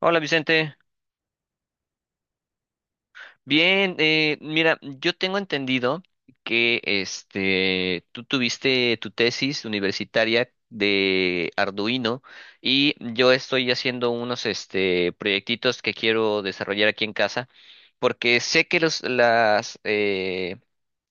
Hola Vicente, bien, mira, yo tengo entendido que tú tuviste tu tesis universitaria de Arduino y yo estoy haciendo unos proyectitos que quiero desarrollar aquí en casa porque sé que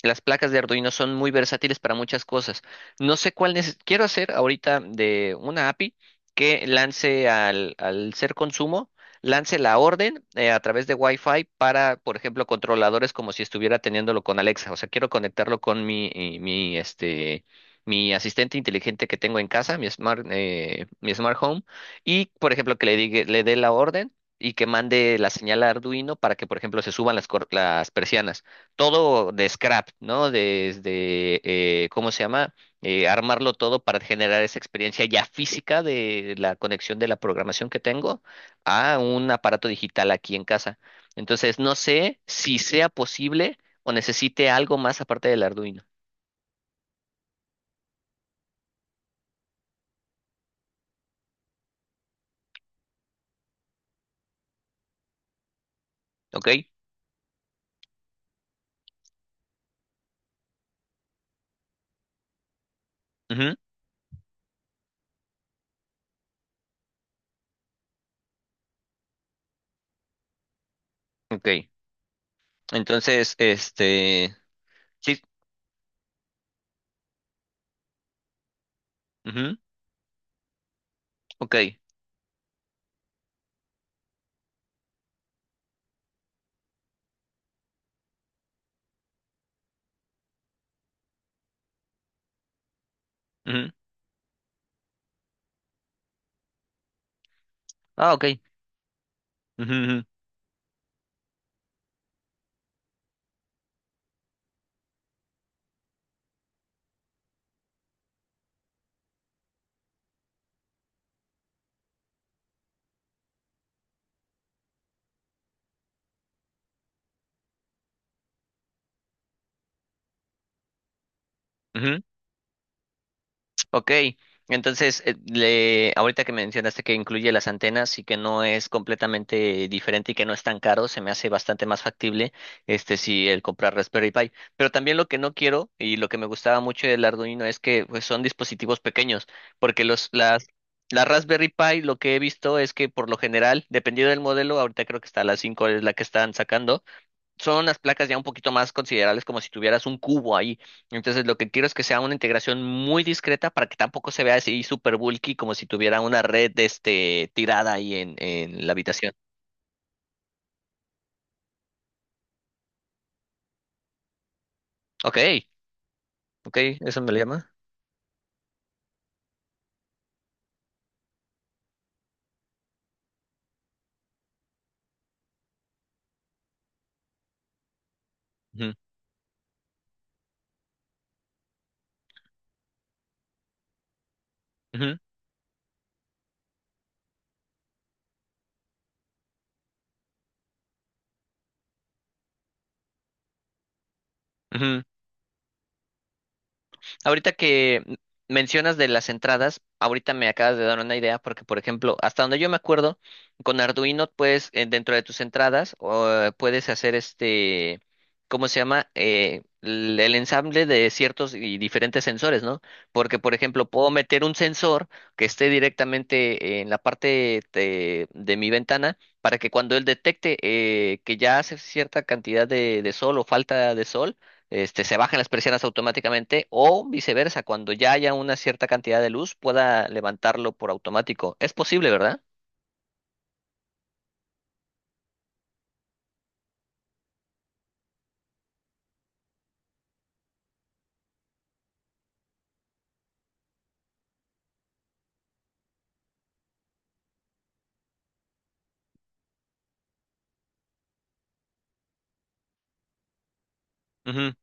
las placas de Arduino son muy versátiles para muchas cosas. No sé cuál quiero hacer ahorita de una API que lance al ser consumo lance la orden a través de Wi-Fi para, por ejemplo, controladores como si estuviera teniéndolo con Alexa. O sea, quiero conectarlo con mi asistente inteligente que tengo en casa, mi smart home, y, por ejemplo, que le diga, le dé la orden. Y que mande la señal a Arduino para que, por ejemplo, se suban las persianas. Todo de scrap, ¿no? Desde, ¿cómo se llama? Armarlo todo para generar esa experiencia ya física de la conexión de la programación que tengo a un aparato digital aquí en casa. Entonces, no sé si sea posible o necesite algo más aparte del Arduino. Ok. Ujú. Ok. Entonces, sí. Ujú, ok. Ujú. Ah, ok. Ujú, ujú, ujú. Ok, entonces, ahorita que mencionaste que incluye las antenas y que no es completamente diferente y que no es tan caro, se me hace bastante más factible si el comprar Raspberry Pi. Pero también lo que no quiero y lo que me gustaba mucho del Arduino es que pues, son dispositivos pequeños, porque la Raspberry Pi lo que he visto es que por lo general, dependiendo del modelo, ahorita creo que está la 5 es la que están sacando, son las placas ya un poquito más considerables, como si tuvieras un cubo ahí. Entonces, lo que quiero es que sea una integración muy discreta para que tampoco se vea así super bulky, como si tuviera una red tirada ahí en la habitación. Ok, ok, eso me le llama. Ujú, ujú, ujú. Ahorita que mencionas de las entradas, ahorita me acabas de dar una idea porque, por ejemplo, hasta donde yo me acuerdo, con Arduino dentro de tus entradas, puedes hacer este, ¿cómo se llama? L- el ensamble de ciertos y diferentes sensores, ¿no? Porque, por ejemplo, puedo meter un sensor que esté directamente en la parte de mi ventana para que cuando él detecte que ya hace cierta cantidad de sol o falta de sol, se bajen las persianas automáticamente o viceversa, cuando ya haya una cierta cantidad de luz pueda levantarlo por automático. Es posible, ¿verdad? Ujú,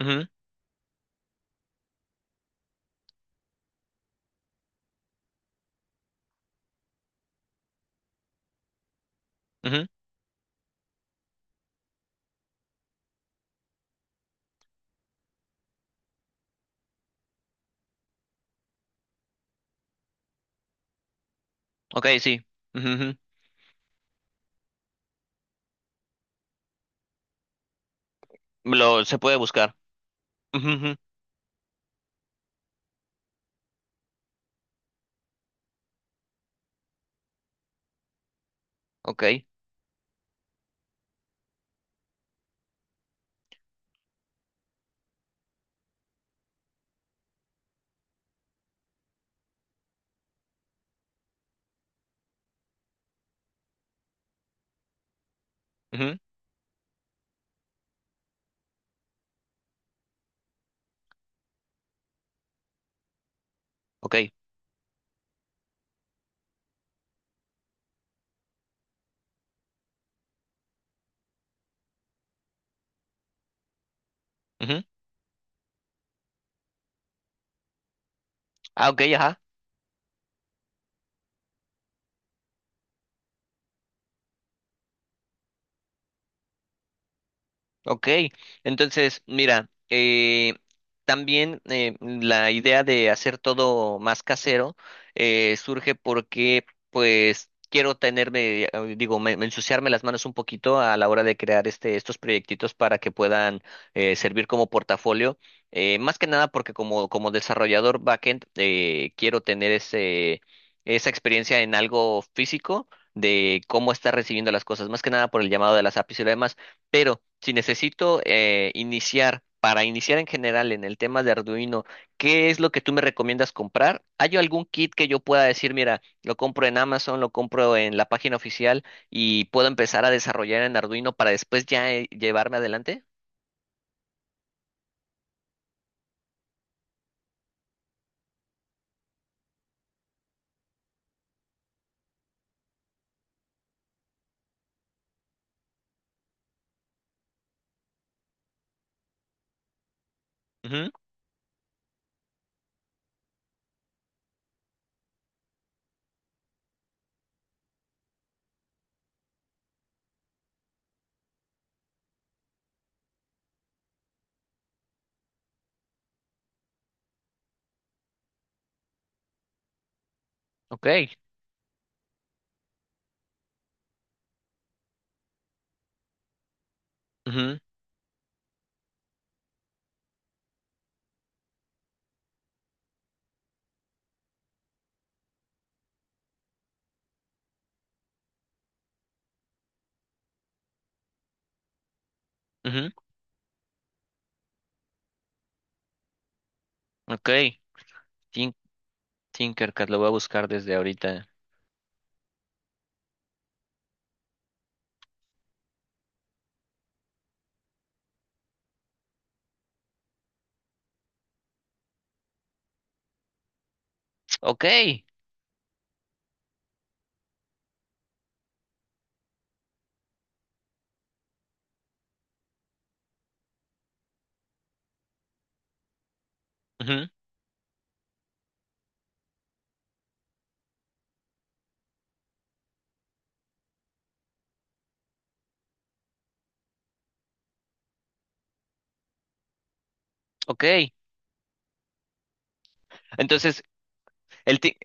ujú, ujú. Ok, sí. Ujú, ujú. Lo, se puede buscar. Ujú, ujú. Ok. Ujú. Ok. Ujú. Ah, ok, ajá. Ok, entonces, mira, también la idea de hacer todo más casero surge porque, pues, quiero digo, me ensuciarme las manos un poquito a la hora de crear estos proyectitos para que puedan servir como portafolio. Más que nada porque como desarrollador backend quiero tener esa experiencia en algo físico de cómo está recibiendo las cosas, más que nada por el llamado de las APIs y lo demás. Pero si necesito para iniciar en general en el tema de Arduino, ¿qué es lo que tú me recomiendas comprar? ¿Hay algún kit que yo pueda decir, mira, lo compro en Amazon, lo compro en la página oficial y puedo empezar a desarrollar en Arduino para después ya llevarme adelante? Ujú. Ok. Ujú, ujú. Ok. Tin- Tinkercad, lo voy a buscar desde ahorita. Ok. Ujú. Ok. Entonces, el, ti-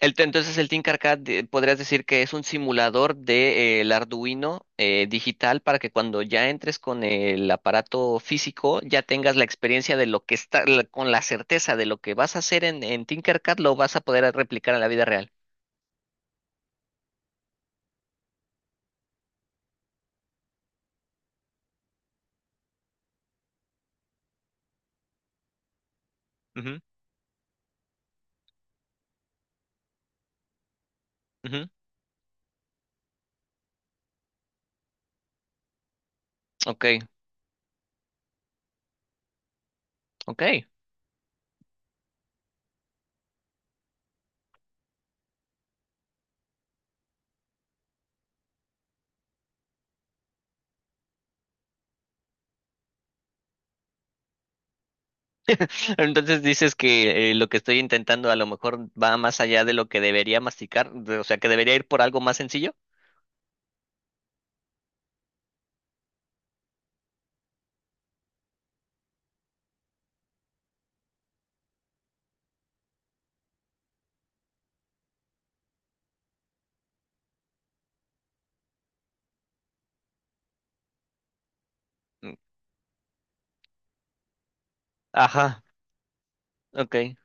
El te- entonces el Think Arcade podrías decir que es un simulador de, el Arduino digital para que cuando ya entres con el aparato físico ya tengas la experiencia de lo que con la certeza de lo que vas a hacer en Tinkercad lo vas a poder replicar en la vida real. Ujú, ujú. Ok, ok. Entonces dices que lo que estoy intentando a lo mejor va más allá de lo que debería masticar, o sea, que debería ir por algo más sencillo. Mm, ajá, ok,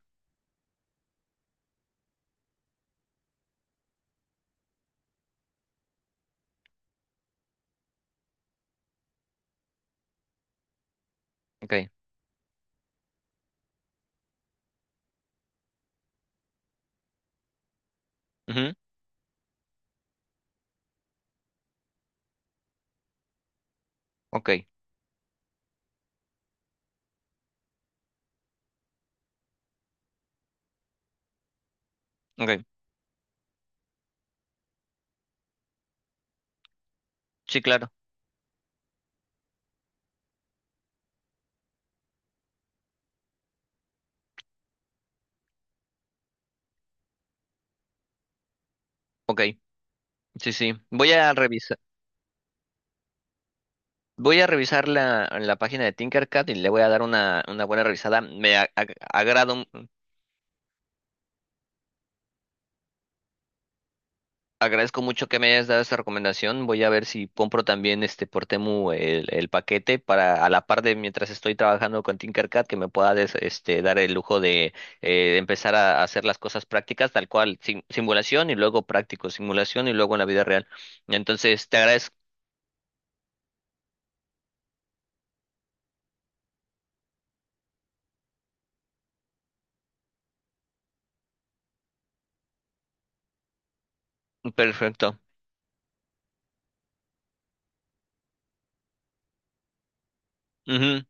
ok, ujú, ok, ok. Sí, claro, ok. Sí, sí. Voy a revisar la, la página de Tinkercad y le voy a dar una buena revisada. Me a- ag- agrado, agradezco mucho que me hayas dado esta recomendación. Voy a ver si compro también por Temu el paquete para a la par de mientras estoy trabajando con Tinkercad que me pueda dar el lujo de empezar a hacer las cosas prácticas tal cual, simulación y luego práctico, simulación y luego en la vida real. Entonces, te agradezco. Perfecto. Ujú,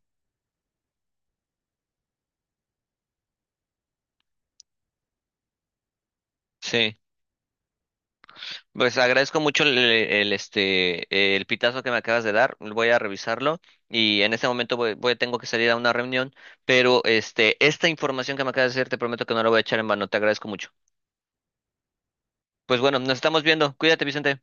sí. Pues agradezco mucho el pitazo que me acabas de dar. Voy a revisarlo y en este momento tengo que salir a una reunión, pero esta información que me acabas de decir te prometo que no la voy a echar en vano. Te agradezco mucho. Pues bueno, nos estamos viendo. Cuídate, Vicente.